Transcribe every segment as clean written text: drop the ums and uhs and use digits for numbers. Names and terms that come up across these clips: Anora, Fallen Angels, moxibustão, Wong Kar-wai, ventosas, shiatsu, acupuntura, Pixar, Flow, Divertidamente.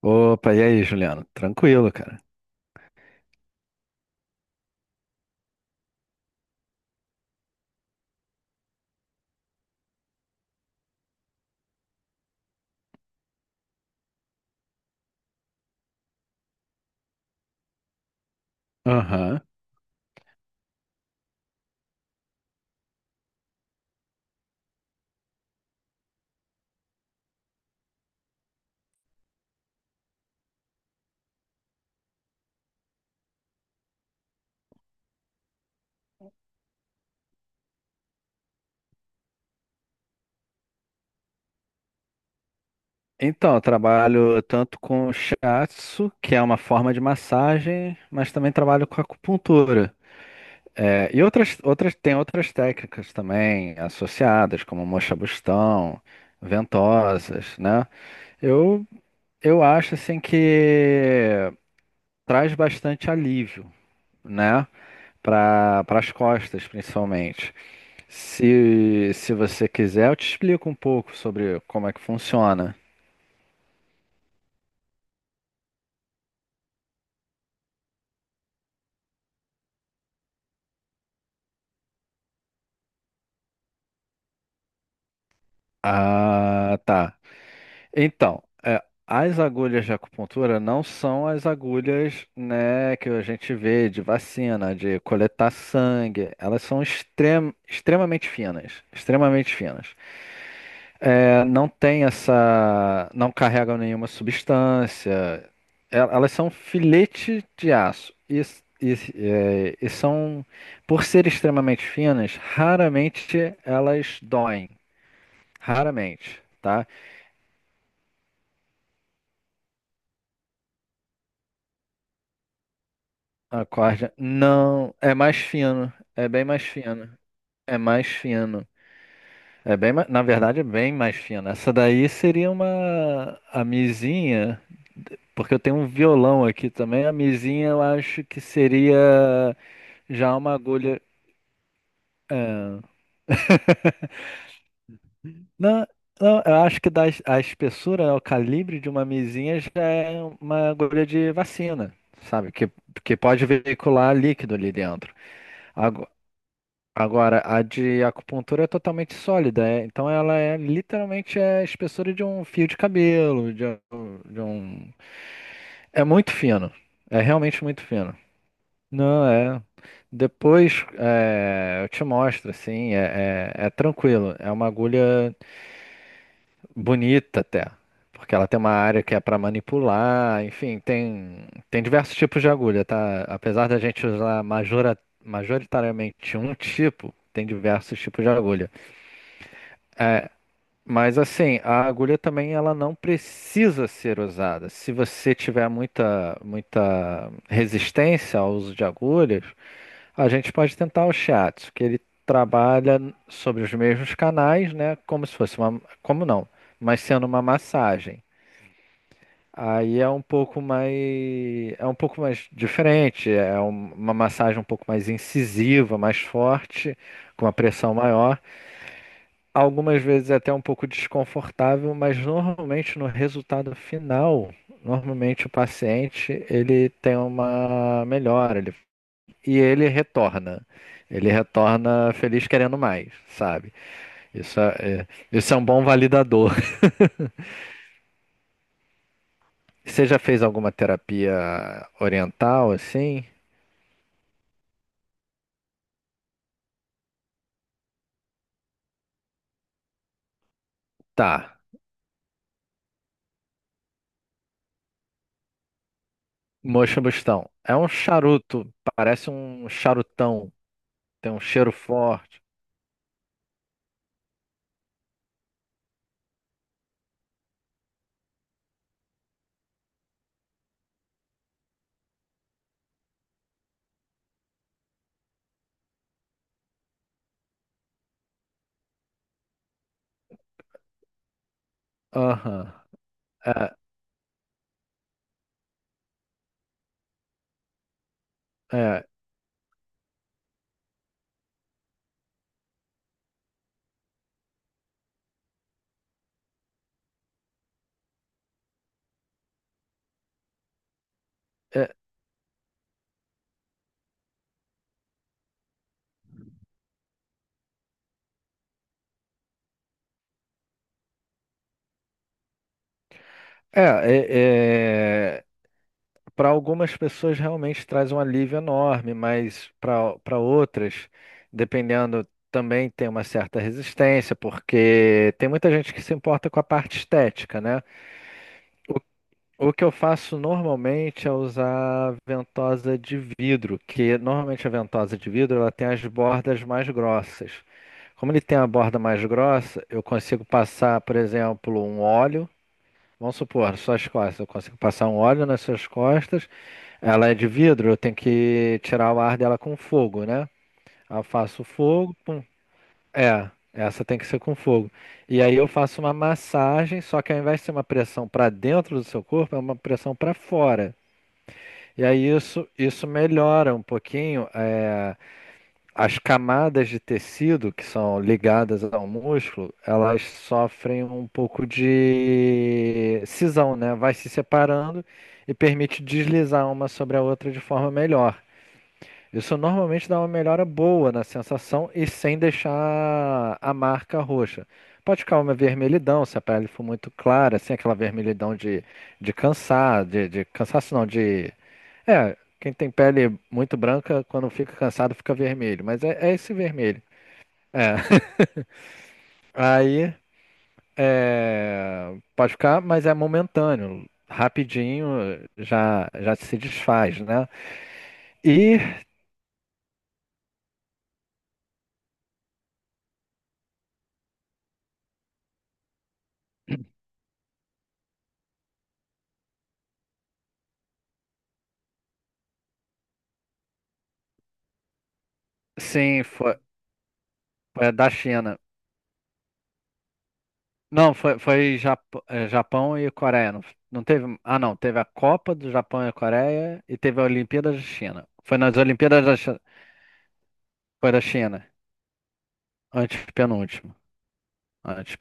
Opa, e aí, Juliano? Tranquilo, cara. Aham. Então, eu trabalho tanto com shiatsu, que é uma forma de massagem, mas também trabalho com acupuntura. É, e outras, tem outras técnicas também associadas, como mocha-bustão, ventosas, né? Eu, eu acho, assim, que traz bastante alívio, né? Para as costas, principalmente. Se você quiser, eu te explico um pouco sobre como é que funciona. Ah, tá. Então, as agulhas de acupuntura não são as agulhas, né, que a gente vê de vacina, de coletar sangue. Elas são extremamente finas, extremamente finas. É, não tem essa. Não carregam nenhuma substância. Elas são filete de aço. E, é, e são, por ser extremamente finas, raramente elas doem. Raramente, tá? A corda não é mais fino. É bem mais fino. É mais fino. É bem, na verdade, é bem mais fina. Essa daí seria uma a mizinha, porque eu tenho um violão aqui também. A mizinha eu acho que seria já uma agulha. é, Não, não, eu acho que a espessura, né, o calibre de uma mizinha já é uma agulha de vacina, sabe? Que pode veicular líquido ali dentro. Agora, a de acupuntura é totalmente sólida, então ela é literalmente é espessura de um fio de cabelo, um... de um- é muito fino, é realmente muito fino. Não, é. Depois eu te mostro, assim, é tranquilo, é uma agulha bonita até, porque ela tem uma área que é para manipular, enfim, tem diversos tipos de agulha, tá? Apesar da gente usar majoritariamente um tipo, tem diversos tipos de agulha. Mas assim, a agulha também ela não precisa ser usada. Se você tiver muita resistência ao uso de agulhas, a gente pode tentar o shiatsu, que ele trabalha sobre os mesmos canais, né? Como se fosse uma, como não, mas sendo uma massagem. Aí é um pouco mais, é um pouco mais diferente, uma massagem um pouco mais incisiva, mais forte, com uma pressão maior. Algumas vezes é até um pouco desconfortável, mas normalmente no resultado final, normalmente o paciente ele tem uma melhora, e ele retorna. Ele retorna feliz querendo mais, sabe? Isso é, é- isso é um bom validador. Você já fez alguma terapia oriental assim? Tá. Moxibustão. É um charuto, parece um charutão, tem um cheiro forte. Aham. É, é. É. É, é, para algumas pessoas realmente traz um alívio enorme, mas para outras, dependendo, também tem uma certa resistência, porque tem muita gente que se importa com a parte estética, né? O que eu faço normalmente é usar ventosa de vidro, que normalmente a ventosa de vidro ela tem as bordas mais grossas. Como ele tem a borda mais grossa, eu consigo passar, por exemplo, um óleo. Vamos supor, suas costas. Eu consigo passar um óleo nas suas costas. Ela é de vidro, eu tenho que tirar o ar dela com fogo, né? Eu faço fogo, pum. É, essa tem que ser com fogo. E aí eu faço uma massagem, só que ao invés de ser uma pressão para dentro do seu corpo, é uma pressão para fora. E aí isso melhora um pouquinho. As camadas de tecido que são ligadas ao músculo, elas sofrem um pouco de cisão, né? Vai se separando e permite deslizar uma sobre a outra de forma melhor. Isso normalmente dá uma melhora boa na sensação e sem deixar a marca roxa. Pode ficar uma vermelhidão se a pele for muito clara, assim, aquela vermelhidão de cansar, de cansaço não, de é, quem tem pele muito branca, quando fica cansado, fica vermelho. Mas é esse vermelho. É. Aí, pode ficar, mas é momentâneo. Rapidinho já se desfaz, né? E, sim, foi, foi da China. Não, foi Japão e Coreia. Não, não teve. Ah, não. Teve a Copa do Japão e a Coreia e teve a Olimpíada da China. Foi nas Olimpíadas da China. Foi da China. Antes penúltimo. Antes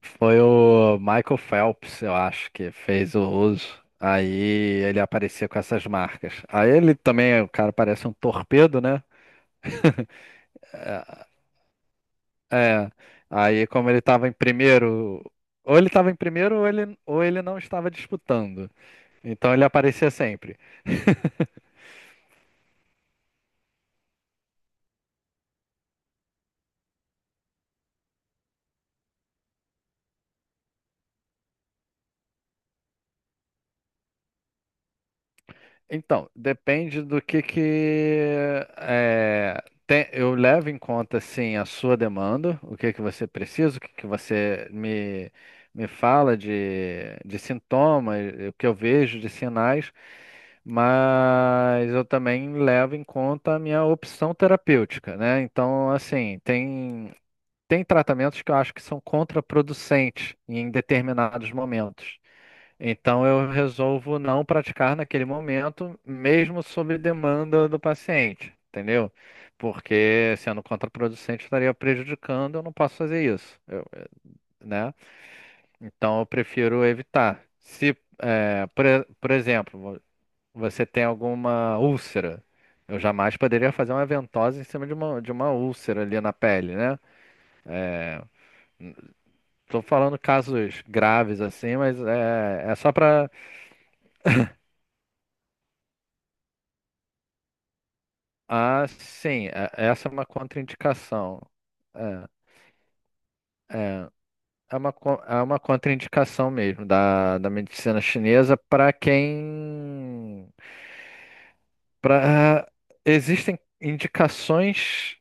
foi o Michael Phelps, eu acho, que fez o uso. Aí ele aparecia com essas marcas. Aí ele também, o cara parece um torpedo, né? É. Aí como ele estava em primeiro, ou ele estava em primeiro ou ou ele não estava disputando. Então ele aparecia sempre. Então, depende do que é, eu levo em conta assim a sua demanda, o que que você precisa, o que que você me fala de sintomas, o que eu vejo de sinais, mas eu também levo em conta a minha opção terapêutica, né? Então, assim, tem tratamentos que eu acho que são contraproducentes em determinados momentos. Então eu resolvo não praticar naquele momento, mesmo sob demanda do paciente, entendeu? Porque sendo contraproducente, estaria prejudicando, eu não posso fazer isso, né? Então eu prefiro evitar. Se, eh, por, e- Por exemplo, você tem alguma úlcera, eu jamais poderia fazer uma ventosa em cima de de uma úlcera ali na pele, né? Estou falando casos graves assim, mas é só para ah, sim, essa é uma contraindicação. É, é, é uma contraindicação mesmo da medicina chinesa para quem. Pra, existem indicações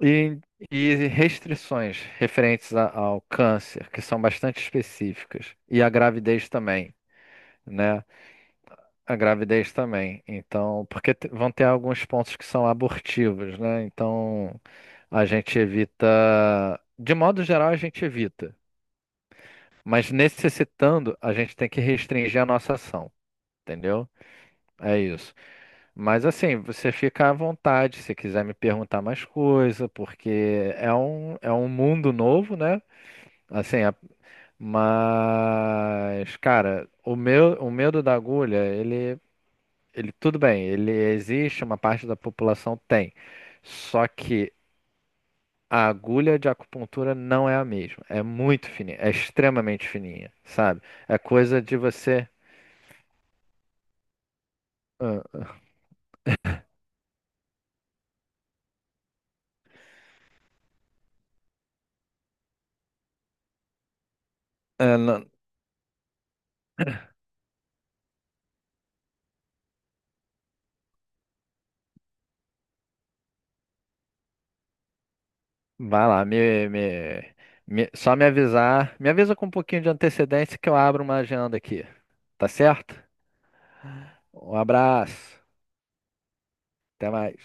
e, e restrições referentes ao câncer, que são bastante específicas, e à gravidez também, né? A gravidez também. Então, porque vão ter alguns pontos que são abortivos, né? Então, a gente evita. De modo geral, a gente evita. Mas necessitando, a gente tem que restringir a nossa ação, entendeu? É isso. Mas assim, você fica à vontade se quiser me perguntar mais coisa, porque é um mundo novo, né? Assim, mas, cara, o medo da agulha, ele, tudo bem, ele existe, uma parte da população tem. Só que a agulha de acupuntura não é a mesma. É muito fininha, é extremamente fininha, sabe? É coisa de você. Ah, ah, não- vai lá, só me avisar. Me avisa com um pouquinho de antecedência que eu abro uma agenda aqui. Tá certo? Um abraço. Até mais.